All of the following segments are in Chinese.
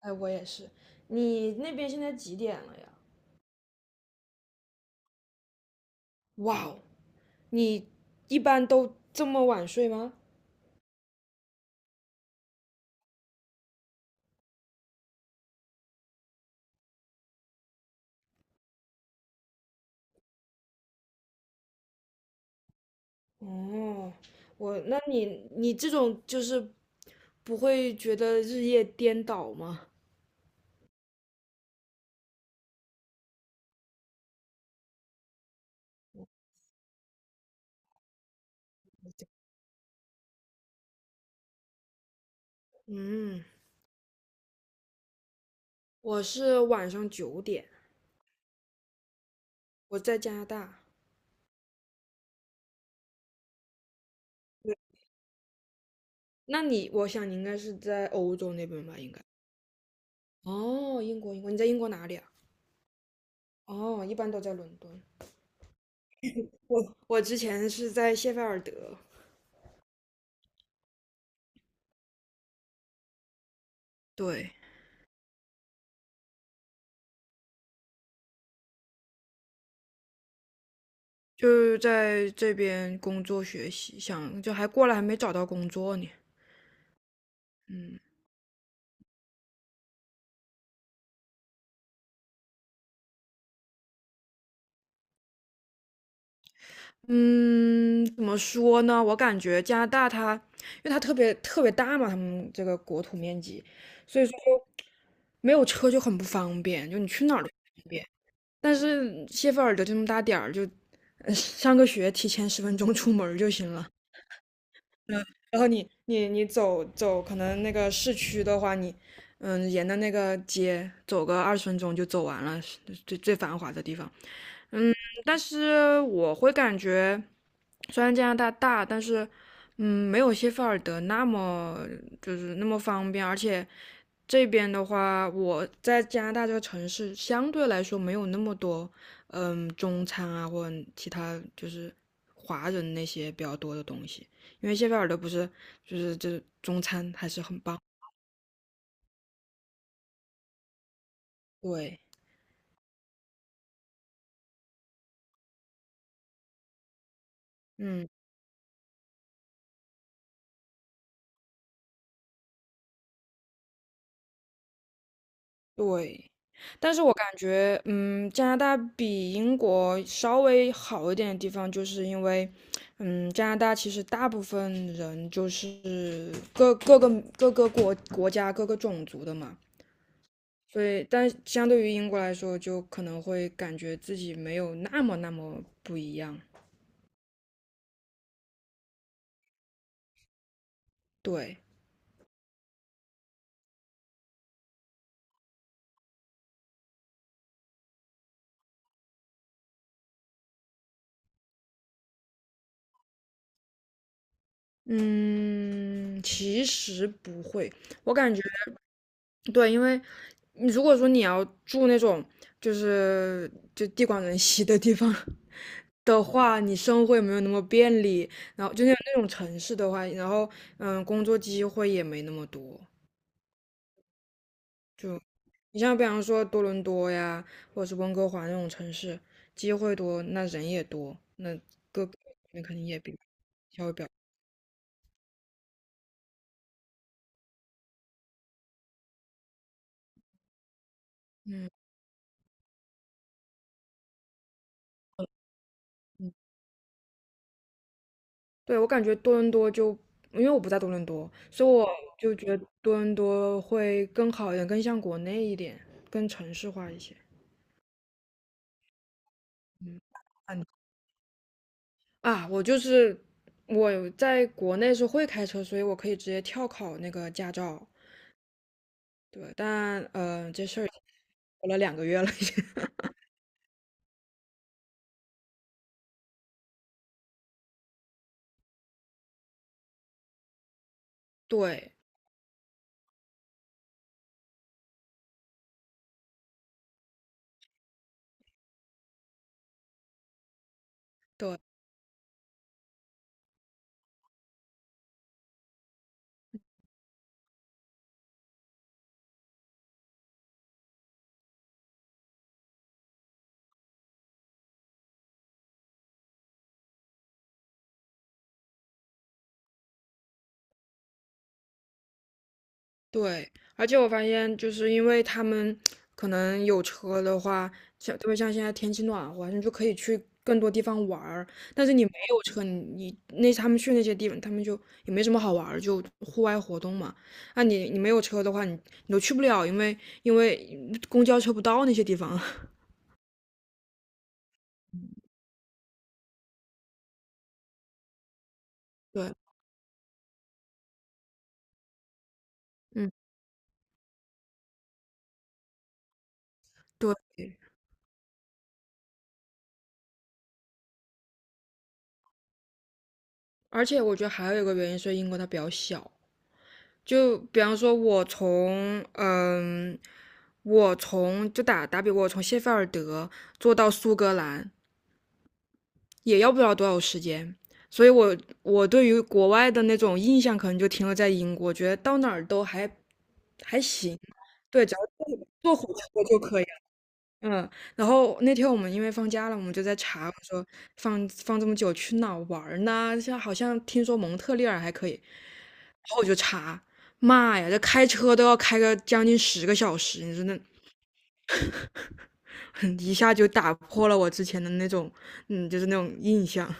哎，我也是。你那边现在几点了呀？哇哦，你一般都这么晚睡吗？哦，那你这种就是不会觉得日夜颠倒吗？嗯，我是晚上9点，我在加拿大。对，那你，我想你应该是在欧洲那边吧？应该。哦，英国，英国，你在英国哪里啊？哦，一般都在伦敦。我之前是在谢菲尔德。对。就是在这边工作学习，想就还过来还没找到工作呢。嗯嗯，怎么说呢？我感觉加拿大它，因为它特别特别大嘛，他们这个国土面积，所以说就没有车就很不方便，就你去哪儿都不方便。但是谢菲尔德这么大点儿，就上个学提前十分钟出门儿就行了。然后你走走，可能那个市区的话，你嗯沿着那个街走个20分钟就走完了，是最最繁华的地方。嗯，但是我会感觉，虽然加拿大大，但是嗯没有谢菲尔德那么就是那么方便，而且这边的话，我在加拿大这个城市相对来说没有那么多，嗯，中餐啊或者其他就是华人那些比较多的东西，因为谢菲尔德不是就是这中餐还是很棒。对，嗯，对。但是我感觉，嗯，加拿大比英国稍微好一点的地方，就是因为，嗯，加拿大其实大部分人就是各个各个国家各个种族的嘛，所以，但相对于英国来说，就可能会感觉自己没有那么那么不一样。对，嗯，其实不会，我感觉对，因为你如果说你要住那种就地广人稀的地方 的话，你生活也没有那么便利，然后就像那种城市的话，然后嗯，工作机会也没那么多。你像比方说多伦多呀，或者是温哥华那种城市，机会多，那人也多，那各个那肯定也比稍微比较嗯嗯，对我感觉多伦多就因为我不在多伦多，所以我就觉得多伦多会更好一点，更像国内一点，更城市化一些。嗯，嗯啊，我就是我在国内是会开车，所以我可以直接跳考那个驾照。对，但这事儿已经过了2个月了，已经。对，对，而且我发现，就是因为他们可能有车的话，像特别像现在天气暖和，你就可以去更多地方玩儿。但是你没有车，你你那他们去那些地方，他们就也没什么好玩儿，就户外活动嘛。那你你没有车的话，你你都去不了，因为公交车不到那些地方。对，嗯，对。而且我觉得还有一个原因是英国它比较小，就比方说我，从嗯，我从就打比，我从谢菲尔德坐到苏格兰也要不了多少时间，所以我我对于国外的那种印象可能就停留在英国，觉得到哪儿都还还行，对，只要坐火车就可以。嗯，然后那天我们因为放假了，我们就在查，我说放这么久去哪儿玩儿呢？像好像听说蒙特利尔还可以，然后我就查，妈呀，这开车都要开个将近10个小时，你说那 一下就打破了我之前的那种，嗯，就是那种印象。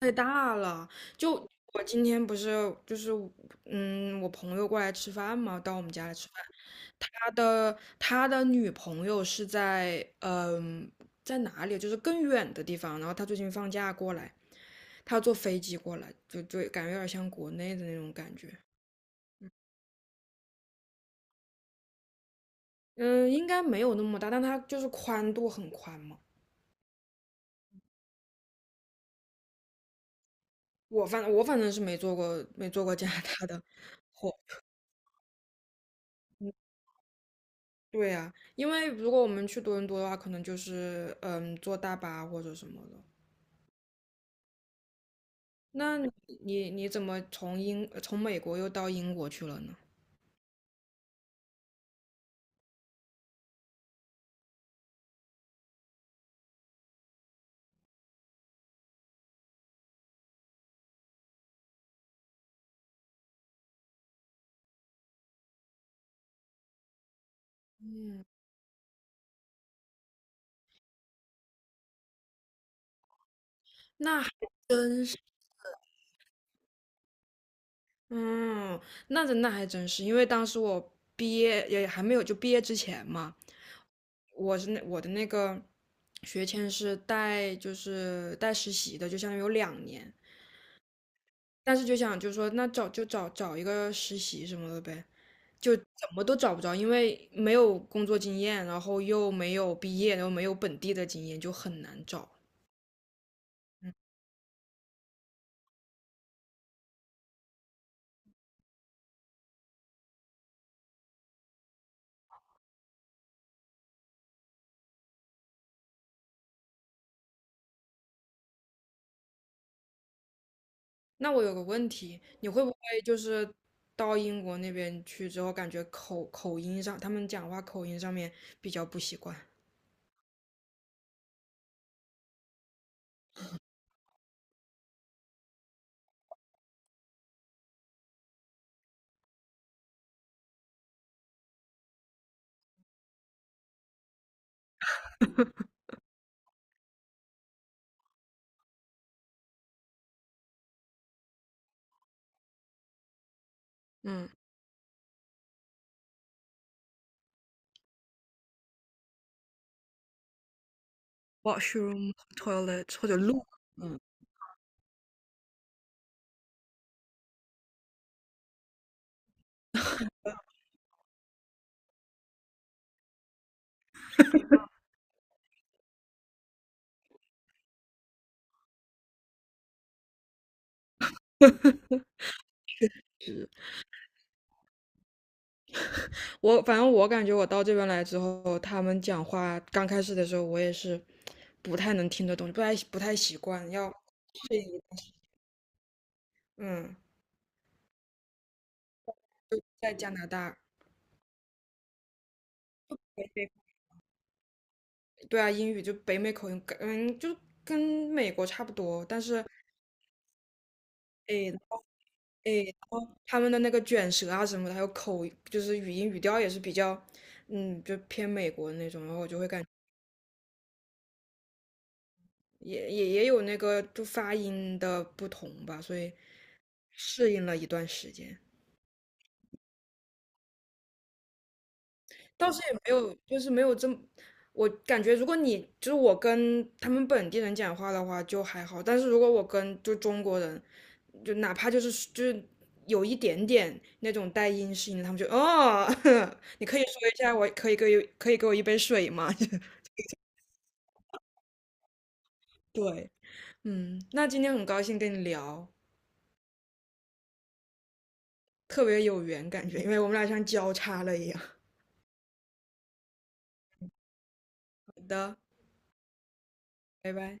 太大了。就我今天不是就是嗯，我朋友过来吃饭嘛，到我们家来吃饭。他的女朋友是在嗯、在哪里？就是更远的地方。然后他最近放假过来，他要坐飞机过来，就就感觉有点像国内的那种感觉。嗯，应该没有那么大，但他就是宽度很宽嘛。我反正是没坐过加拿大的。对呀，因为如果我们去多伦多的话，可能就是嗯坐大巴或者什么的。那你怎么从从美国又到英国去了呢？那还真是，嗯，那还真是，因为当时我毕业也还没有就毕业之前嘛，我是那我的那个学签是带就是带实习的，就相当于有2年，但是就想就说那找就找一个实习什么的呗。怎么都找不着，因为没有工作经验，然后又没有毕业，然后没有本地的经验，就很难找。那我有个问题，你会不会就是到英国那边去之后，感觉口音上，他们讲话口音上面比较不习惯？嗯，或者路，我反正我感觉我到这边来之后，他们讲话刚开始的时候，我也是不太能听得懂，不太习惯，要适应。嗯，就在加拿大。对啊，英语就北美口音，嗯，就跟美国差不多，但是诶诶，然后他们的那个卷舌啊什么的，还有口，就是语音语调也是比较，嗯，就偏美国那种，然后我就会感也有那个就发音的不同吧，所以适应了一段时间。倒是也没有，就是没有这么，我感觉如果你就是我跟他们本地人讲话的话就还好，但是如果我跟就中国人，就哪怕就是有一点点那种带阴湿音的，他们就哦，你可以说一下，我可以给可以给我一杯水吗？对，嗯，那今天很高兴跟你聊，特别有缘感觉，因为我们俩像交叉了一样。好的，拜拜。